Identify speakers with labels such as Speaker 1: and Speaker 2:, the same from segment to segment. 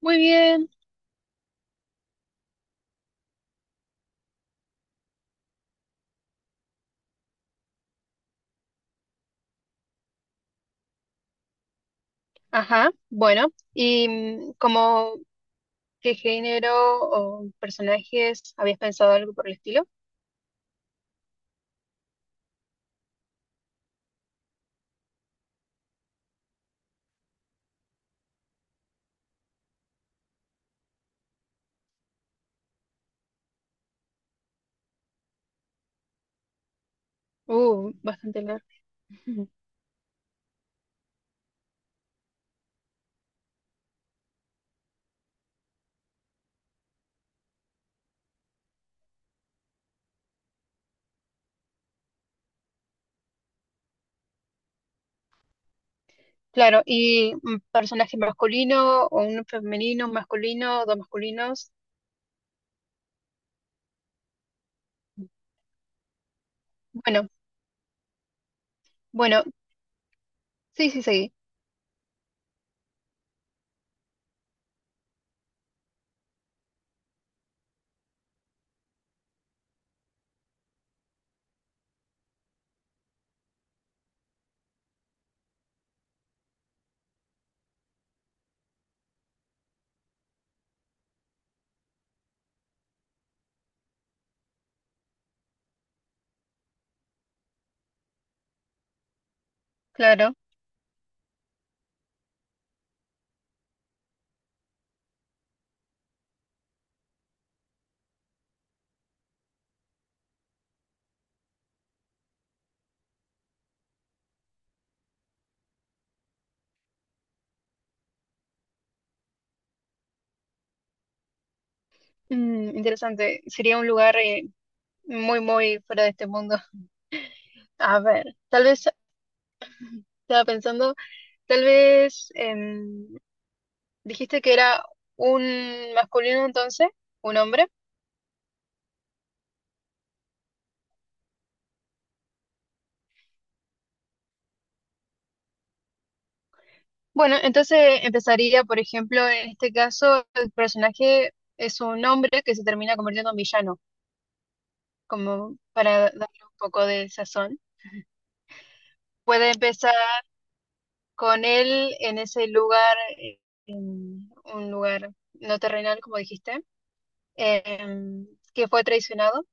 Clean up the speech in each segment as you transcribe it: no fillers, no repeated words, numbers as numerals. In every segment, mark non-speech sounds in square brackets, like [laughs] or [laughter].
Speaker 1: Muy bien, ajá, bueno, y como qué género o personajes habías pensado algo por el estilo? Bastante largo. Ujú. Claro, ¿y un personaje masculino o un femenino, un masculino, dos masculinos? Bueno, bueno, sí, sí, sí, claro. Mm, interesante, sería un lugar muy, muy fuera de este mundo. [laughs] A ver, tal vez estaba pensando, tal vez dijiste que era un masculino entonces, un hombre. Bueno, entonces empezaría, por ejemplo, en este caso, el personaje es un hombre que se termina convirtiendo en villano, como para darle un poco de sazón. Puede empezar con él en ese lugar, en un lugar no terrenal, como dijiste, em, que fue traicionado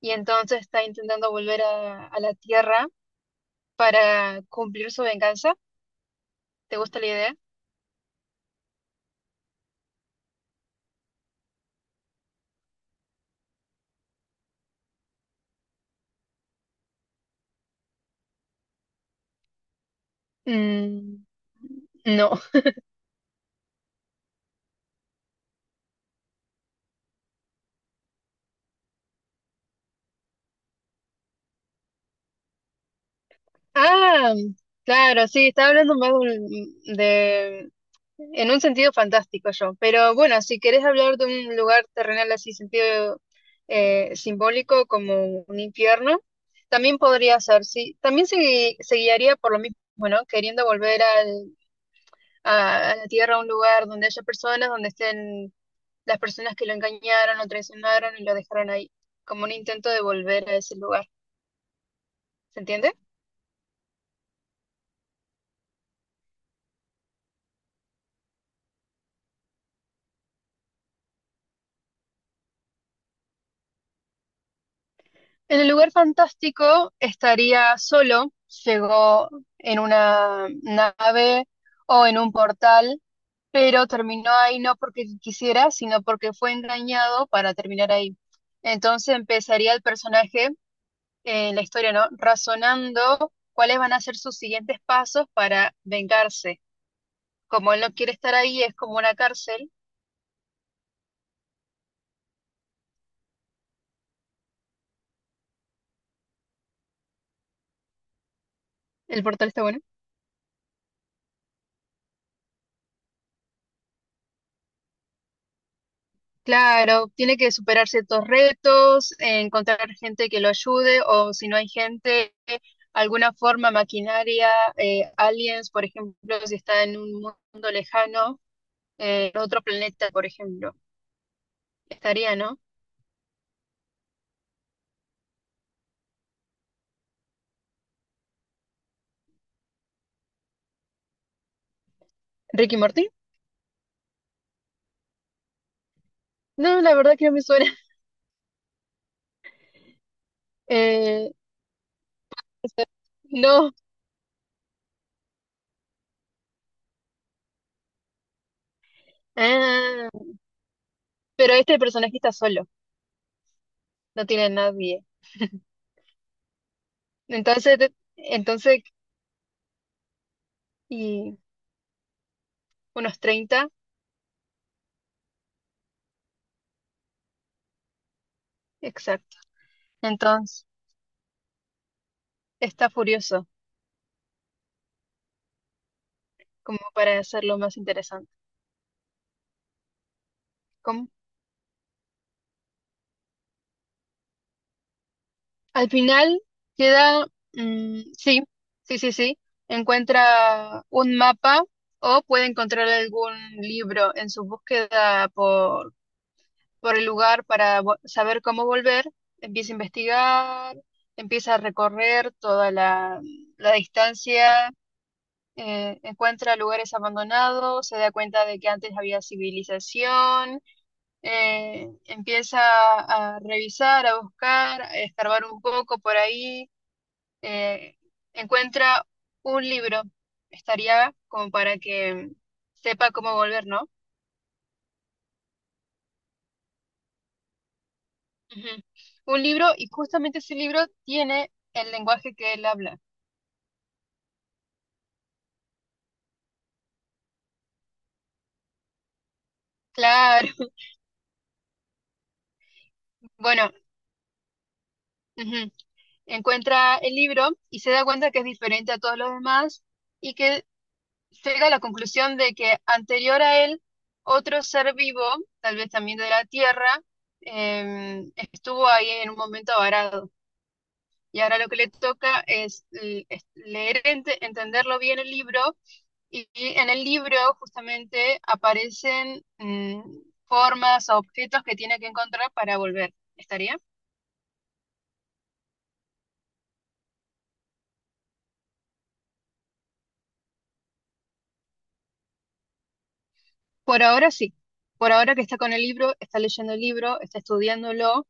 Speaker 1: y entonces está intentando volver a la tierra para cumplir su venganza. ¿Te gusta la idea? Mm, no. Ah, claro, sí, estaba hablando más de, en un sentido fantástico yo. Pero bueno, si querés hablar de un lugar terrenal así, sentido simbólico como un infierno, también podría ser, sí. También se, se guiaría por lo mismo, bueno, queriendo volver al, a la tierra, a un lugar donde haya personas, donde estén las personas que lo engañaron, lo traicionaron y lo dejaron ahí, como un intento de volver a ese lugar. ¿Se entiende? En el lugar fantástico estaría solo, llegó en una nave o en un portal, pero terminó ahí no porque quisiera, sino porque fue engañado para terminar ahí. Entonces empezaría el personaje en la historia, ¿no? Razonando cuáles van a ser sus siguientes pasos para vengarse. Como él no quiere estar ahí, es como una cárcel. El portal está bueno. Claro, tiene que superar ciertos retos, encontrar gente que lo ayude o si no hay gente, alguna forma maquinaria, aliens, por ejemplo, si está en un mundo lejano, en otro planeta, por ejemplo, estaría, ¿no? ¿Ricky Martin? No, la verdad que no me suena. [laughs] Eh, no. Ah, pero este personaje está solo, no tiene a nadie. Entonces, entonces, y unos 30, exacto. Entonces, está furioso. Como para hacerlo más interesante. Como... Al final queda, mm, sí, sí, sí, sí, encuentra un mapa o puede encontrar algún libro en su búsqueda por el lugar para saber cómo volver. Empieza a investigar, empieza a recorrer toda la, la distancia. Encuentra lugares abandonados, se da cuenta de que antes había civilización, empieza a revisar, a buscar, a escarbar un poco por ahí, eh, encuentra un libro, estaría como para que sepa cómo volver, ¿no? Ujú. Un libro y justamente ese libro tiene el lenguaje que él habla. Claro. [laughs] Bueno, ujú. Encuentra el libro y se da cuenta que es diferente a todos los demás y que llega a la conclusión de que anterior a él, otro ser vivo, tal vez también de la Tierra, estuvo ahí en un momento varado. Y ahora lo que le toca es, es leer, entenderlo bien el libro, y en el libro justamente aparecen formas o objetos que tiene que encontrar para volver. ¿Estaría? Por ahora sí. Por ahora que está con el libro, está leyendo el libro, está estudiándolo.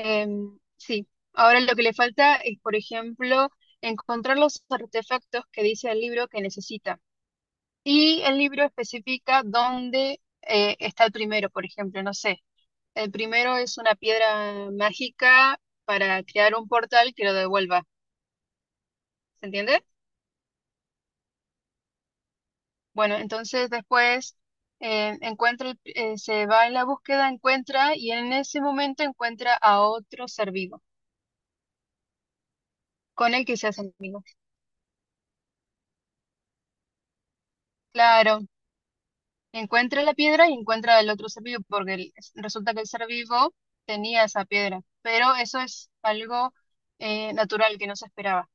Speaker 1: Sí, ahora lo que le falta es, por ejemplo, encontrar los artefactos que dice el libro que necesita. Y el libro especifica dónde está el primero, por ejemplo, no sé. El primero es una piedra mágica para crear un portal que lo devuelva. ¿Se entiende? Bueno, entonces después encuentra, se va en la búsqueda, encuentra y en ese momento encuentra a otro ser vivo con el que se hace amigo. Claro. Encuentra la piedra y encuentra el otro ser vivo, porque resulta que el ser vivo tenía esa piedra, pero eso es algo natural que no se esperaba.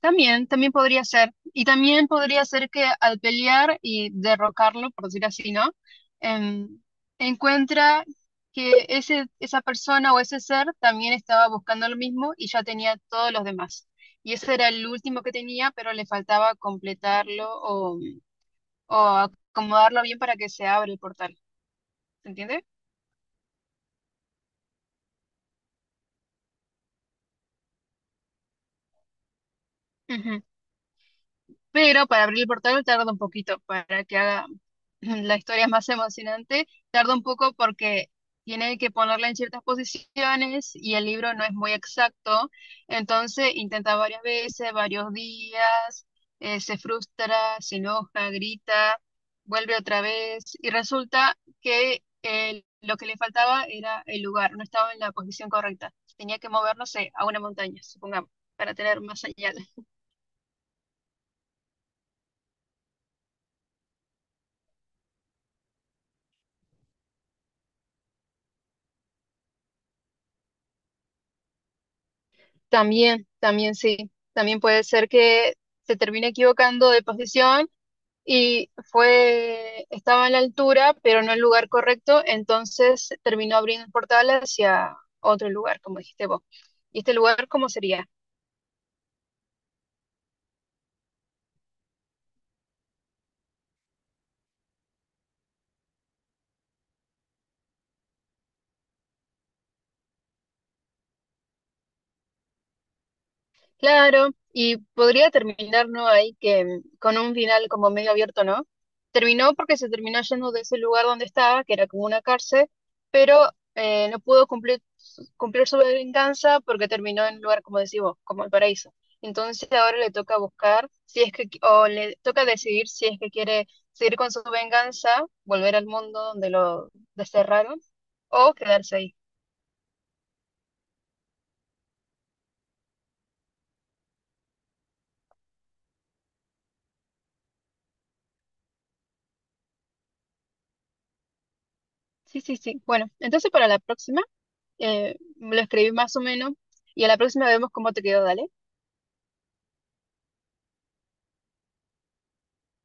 Speaker 1: También, también podría ser, y también podría ser que al pelear y derrocarlo, por decir así, ¿no? Em, Encuentra que esa persona o ese ser también estaba buscando lo mismo y ya tenía todos los demás. Y ese era el último que tenía, pero le faltaba completarlo o acomodarlo bien para que se abra el portal. ¿Se entiende? Ujú. Pero para abrir el portal tarda un poquito, para que haga [clears throat] la historia más emocionante, tarda un poco porque tiene que ponerla en ciertas posiciones y el libro no es muy exacto, entonces intenta varias veces, varios días, se frustra, se enoja, grita, vuelve otra vez y resulta que lo que le faltaba era el lugar, no estaba en la posición correcta, tenía que movernos a una montaña, supongamos, para tener más allá. También, también sí, también puede ser que se termine equivocando de posición y fue, estaba en la altura, pero no en el lugar correcto, entonces terminó abriendo el portal hacia otro lugar, como dijiste vos. ¿Y este lugar cómo sería? Claro, y podría terminar, ¿no? Ahí que mm, con un final como medio abierto, ¿no? Terminó porque se terminó yendo de ese lugar donde estaba, que era como una cárcel, pero no pudo cumplir, cumplir su venganza porque terminó en un lugar, como decís vos, como el paraíso. Entonces ahora le toca buscar si es que, o le toca decidir si es que quiere seguir con su venganza, volver al mundo donde lo desterraron, o quedarse ahí. Sí, sí, sí. Bueno, entonces para la próxima. Lo escribí más o menos y a la próxima vemos cómo te quedó, dale.